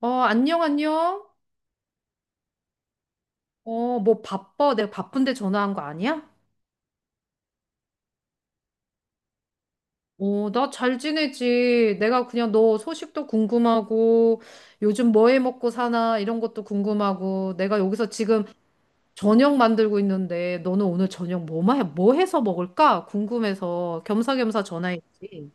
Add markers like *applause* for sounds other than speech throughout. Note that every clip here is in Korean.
어, 안녕, 안녕. 어, 뭐 바빠? 내가 바쁜데 전화한 거 아니야? 어, 나 잘 지내지. 내가 그냥 너 소식도 궁금하고, 요즘 뭐해 먹고 사나, 이런 것도 궁금하고, 내가 여기서 지금 저녁 만들고 있는데, 너는 오늘 저녁 뭐, 뭐 해서 먹을까? 궁금해서 겸사겸사 전화했지.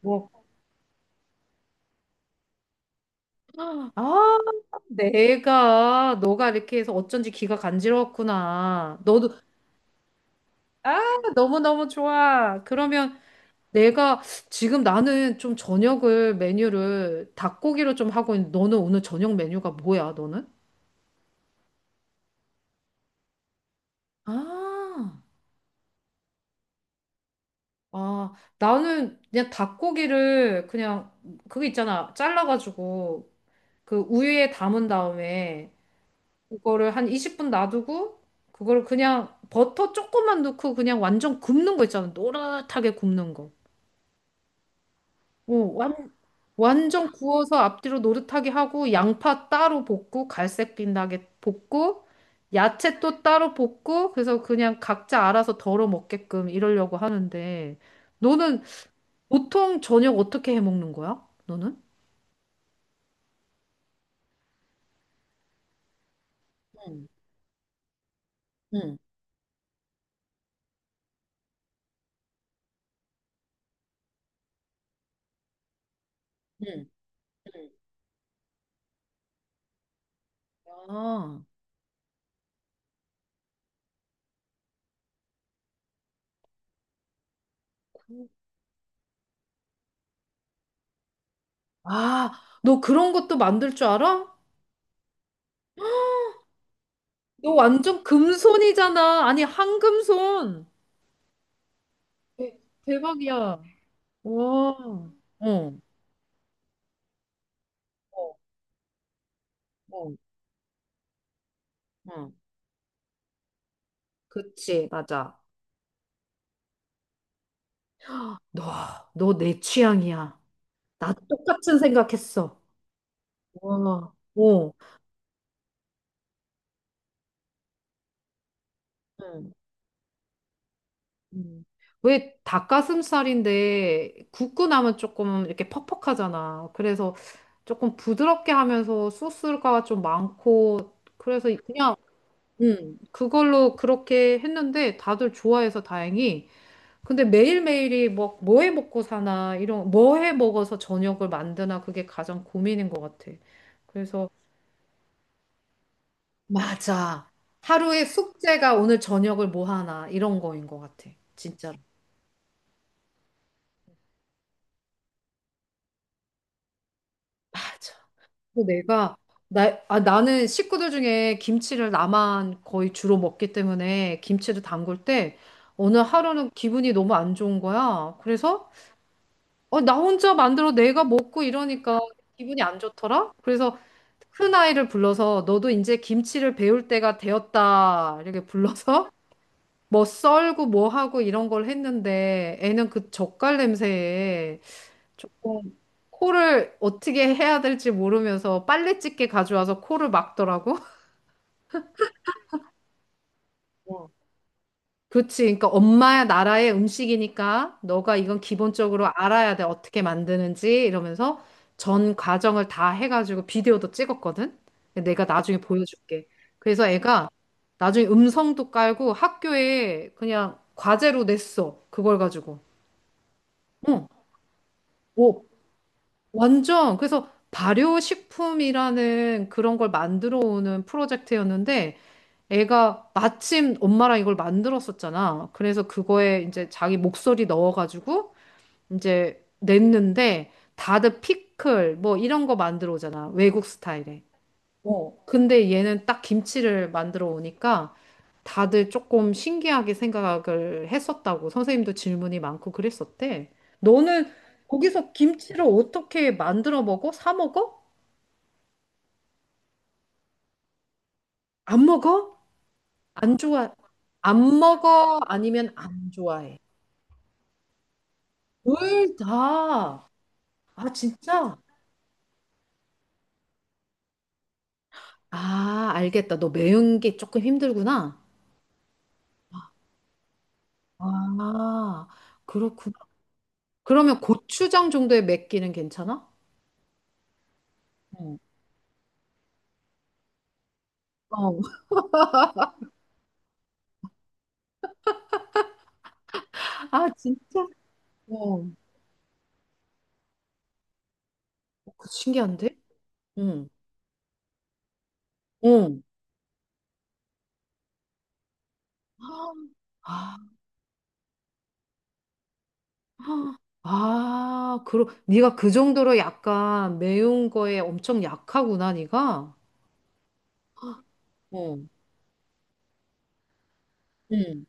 뭐, 아, 내가, 너가 이렇게 해서 어쩐지 귀가 간지러웠구나. 너도, 아, 너무너무 좋아. 그러면, 내가 지금 나는 좀 저녁을 메뉴를 닭고기로 좀 하고 있는데 너는 오늘 저녁 메뉴가 뭐야, 너는? 아, 아, 나는 그냥 닭고기를 그냥 그거 있잖아. 잘라가지고 그 우유에 담은 다음에 그거를 한 20분 놔두고 그거를 그냥 버터 조금만 넣고 그냥 완전 굽는 거 있잖아. 노릇하게 굽는 거. 오, 완전 구워서 앞뒤로 노릇하게 하고 양파 따로 볶고 갈색 빛나게 볶고 야채 또 따로 볶고 그래서 그냥 각자 알아서 덜어 먹게끔 이러려고 하는데 너는 보통 저녁 어떻게 해 먹는 거야? 너는? 응, 응, 응, 응. 아, 그- 아, 너 그런 것도 만들 줄 알아? 너 완전 금손이잖아. 아니, 한금손. 대- 대박이야. 와. 어. 어, 어. 응. 그치, 맞아. 너, 너 내 취향이야. 나도 똑같은 생각했어. 와, 어. 응. 응. 왜 닭가슴살인데 굽고 나면 조금 이렇게 퍽퍽하잖아. 그래서 조금 부드럽게 하면서 소스가 좀 많고 그래서 그냥 그걸로 그렇게 했는데 다들 좋아해서 다행히. 근데 매일매일이 뭐, 뭐 해 먹고 사나, 이런, 뭐 해 먹어서 저녁을 만드나, 그게 가장 고민인 것 같아. 그래서, 맞아. 하루의 숙제가 오늘 저녁을 뭐 하나, 이런 거인 것 같아. 진짜로. 그리고 내가, 나, 아, 나는 식구들 중에 김치를 나만 거의 주로 먹기 때문에 김치를 담글 때 오늘 하루는 기분이 너무 안 좋은 거야. 그래서, 어, 나 혼자 만들어 내가 먹고 이러니까 기분이 안 좋더라? 그래서 큰 아이를 불러서 너도 이제 김치를 배울 때가 되었다. 이렇게 불러서 *laughs* 뭐 썰고 뭐 하고 이런 걸 했는데 애는 그 젓갈 냄새에 조금 코를 어떻게 해야 될지 모르면서 빨래집게 가져와서 코를 막더라고. *laughs* 그치. 그러니까 엄마 나라의 음식이니까 너가 이건 기본적으로 알아야 돼. 어떻게 만드는지 이러면서 전 과정을 다 해가지고 비디오도 찍었거든. 근데 내가 나중에 보여줄게. 그래서 애가 나중에 음성도 깔고 학교에 그냥 과제로 냈어. 그걸 가지고. 어, 오, 완전. 그래서 발효식품이라는 그런 걸 만들어 오는 프로젝트였는데 애가 마침 엄마랑 이걸 만들었었잖아. 그래서 그거에 이제 자기 목소리 넣어가지고 이제 냈는데 다들 피클 뭐 이런 거 만들어 오잖아. 외국 스타일에. 어. 근데 얘는 딱 김치를 만들어 오니까 다들 조금 신기하게 생각을 했었다고. 선생님도 질문이 많고 그랬었대. 너는 거기서 김치를 어떻게 만들어 먹어? 사 먹어? 안 먹어? 안 좋아? 안 먹어? 아니면 안 좋아해? 둘 다. 아, 진짜? 아, 알겠다. 너 매운 게 조금 힘들구나. 아, 그렇구나. 그러면 고추장 정도의 맵기는 괜찮아? 응. 어. *laughs* 아, 진짜? 어. 그 신기한데? 응. 응. 아, 아, 그러, 네가 그 정도로 약간 매운 거에 엄청 약하구나, 네가. 어. 응.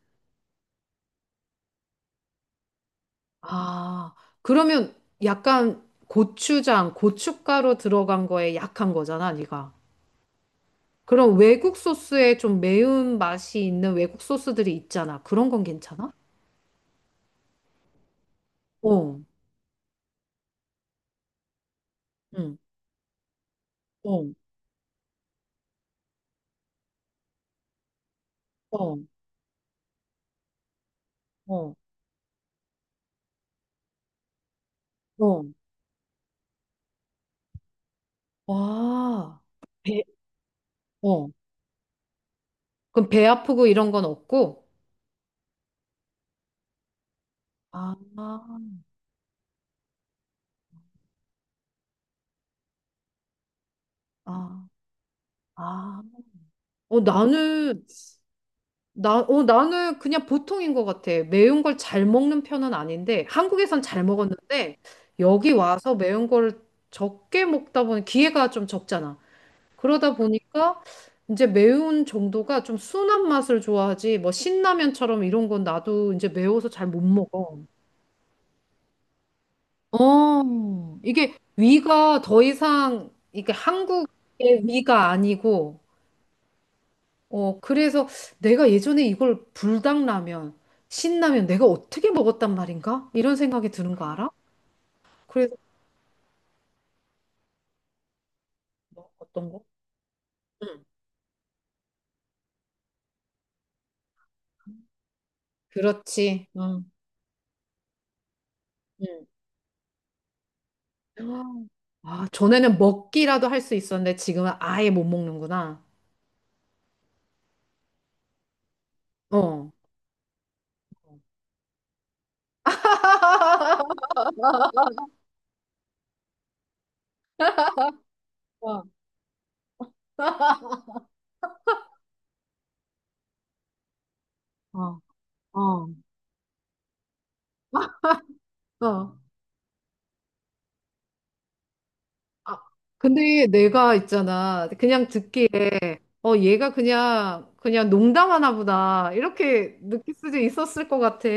아, 그러면 약간 고추장, 고춧가루 들어간 거에 약한 거잖아, 네가. 그럼 외국 소스에 좀 매운 맛이 있는 외국 소스들이 있잖아. 그런 건 괜찮아? 어, 응, 어, 어, 어, 어. 와, 배, 어. 그럼 배 아프고 이런 건 없고? 아, 아, 아. 어, 나는 나, 어, 나는 그냥 보통인 것 같아. 매운 걸 잘 먹는 편은 아닌데, 한국에선 잘 먹었는데, 여기 와서 매운 걸 적게 먹다 보니 기회가 좀 적잖아. 그러다 보니까 이제 매운 정도가 좀 순한 맛을 좋아하지, 뭐 신라면처럼 이런 건 나도 이제 매워서 잘 못 먹어. 어, 이게 위가 더 이상, 이게 한국의 위가 아니고, 어, 그래서 내가 예전에 이걸 불닭라면, 신라면 내가 어떻게 먹었단 말인가? 이런 생각이 드는 거 알아? 그래서 뭐 어떤 거? 응. 그렇지. 응. 응. 아, 전에는 먹기라도 할 수 있었는데 지금은 아예 못 먹는구나. 어. *laughs* 어, 어, 어. 어. 아, 근데 내가 있잖아. 그냥 듣기에, 어, 얘가 그냥, 그냥 농담하나 보다. 이렇게 느낄 수도 있었을 것 같아.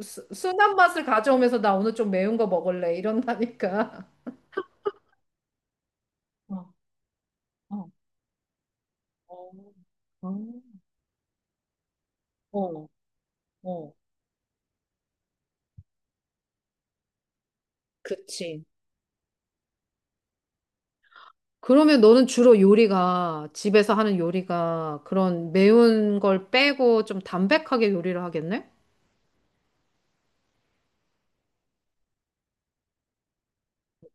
순한 맛을 가져오면서 나 오늘 좀 매운 거 먹을래. 이런다니까. 어, 어, 어, 어, 어, 그치. 그러면 너는 주로 요리가, 집에서 하는 요리가 그런 매운 걸 빼고 좀 담백하게 요리를 하겠네?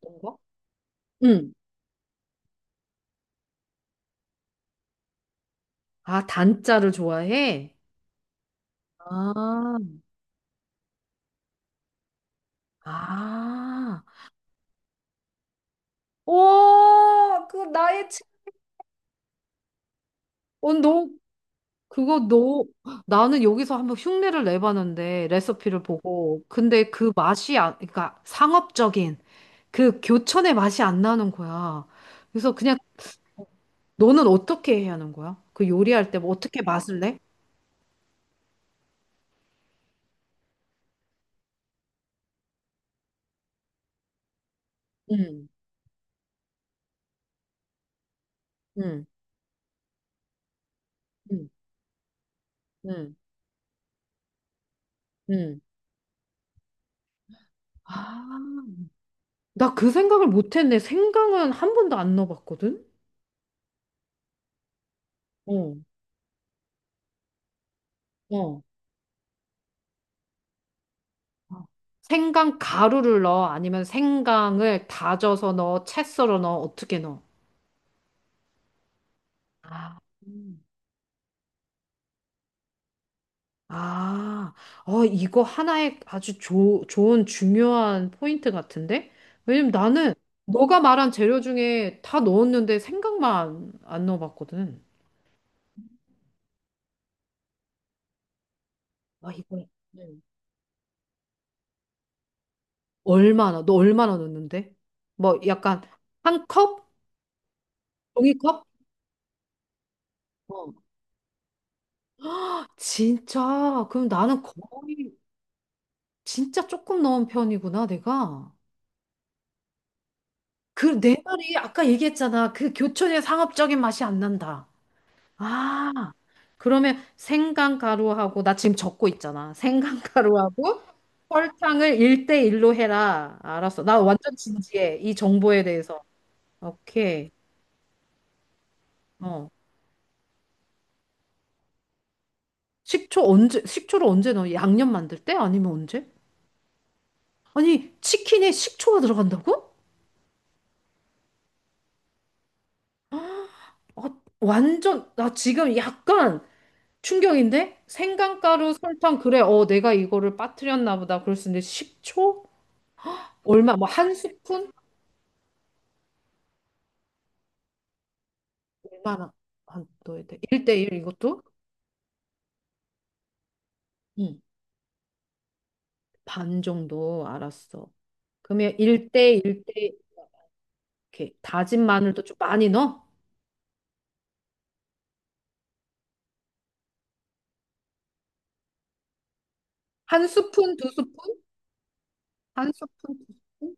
어떤 거? 응. 아, 단자를 좋아해? 아. 아, 와, 그 나의 책. 어, 너, 그거 너, 나는 여기서 한번 흉내를 내봤는데, 레시피를 보고. 근데 그 맛이, 안, 그러니까 상업적인 그 교촌의 맛이 안 나는 거야. 그래서 그냥 너는 어떻게 해야 하는 거야? 그 요리할 때 뭐 어떻게 맛을 내? 응, 응, 응, 응, 응. 아, 나 그 생각을 못 했네. 생강은 한 번도 안 넣어봤거든? 어, 어. 생강 가루를 넣어? 아니면 생강을 다져서 넣어? 채 썰어 넣어? 어떻게 넣어? 아, 음. 아, 어, 이거 하나의 아주 좋은 중요한 포인트 같은데? 왜냐면 나는 너가 말한 재료 중에 다 넣었는데 생강만 안 넣어봤거든. 아, 이거 네. 얼마나, 너 얼마나 넣는데? 뭐 약간 한 컵? 종이컵? 어. 진짜? 그럼 나는 거의 진짜 조금 넣은 편이구나, 내가. 그, 내 말이 아까 얘기했잖아. 그 교촌의 상업적인 맛이 안 난다. 아, 그러면 생강가루하고, 나 지금 적고 있잖아. 생강가루하고 *laughs* 설탕을 일대일로 해라. 알았어. 나 완전 진지해. 이 정보에 대해서. 오케이. 어. 식초 언제, 식초를 언제 넣어? 양념 만들 때? 아니면 언제? 아니, 치킨에 식초가 들어간다고? 아, 완전, 나 지금 약간 충격인데? 생강가루, 설탕, 그래, 어, 내가 이거를 빠뜨렸나 보다. 그럴 수 있는데 식초 얼마, 뭐, 한 스푼? 얼마나 한, 넣어야 돼? 1대1 이것도? 응, 반 정도, 알았어. 그러면 1대1, 대일 대 이렇게 다진 마늘도 좀 많이 넣어? 한 스푼, 두 스푼? 한 스푼, 두 스푼?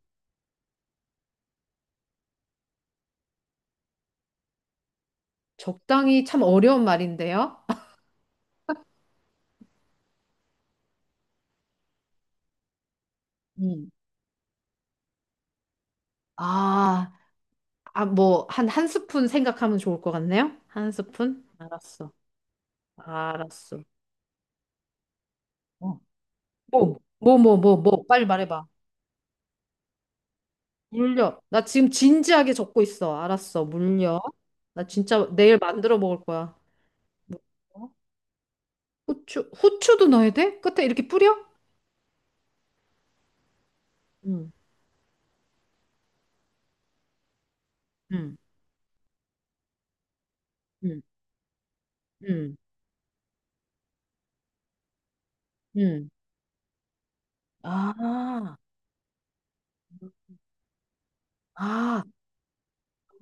적당히 참 어려운 말인데요. *laughs* 음. 아, 아, 뭐, 한, 한 스푼 생각하면 좋을 것 같네요? 한 스푼? 알았어. 알았어. 어. 뭐, 뭐, 뭐, 뭐, 뭐, 빨리 말해봐. 물려. 나 지금 진지하게 적고 있어. 알았어, 물려. 나 진짜 내일 만들어 먹을 거야. 어? 후추, 후추도 넣어야 돼? 끝에 이렇게 뿌려? 응, 응, 응, 응, 응. 아, 아,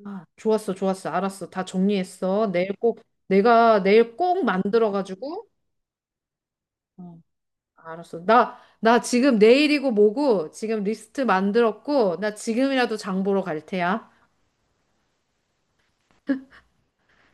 아, 좋았어, 좋았어. 알았어. 다 정리했어. 내일 꼭, 내가 내일 꼭 만들어가지고. 어, 알았어. 나, 나 지금 내일이고 뭐고 지금 리스트 만들었고, 나 지금이라도 장 보러 갈 테야.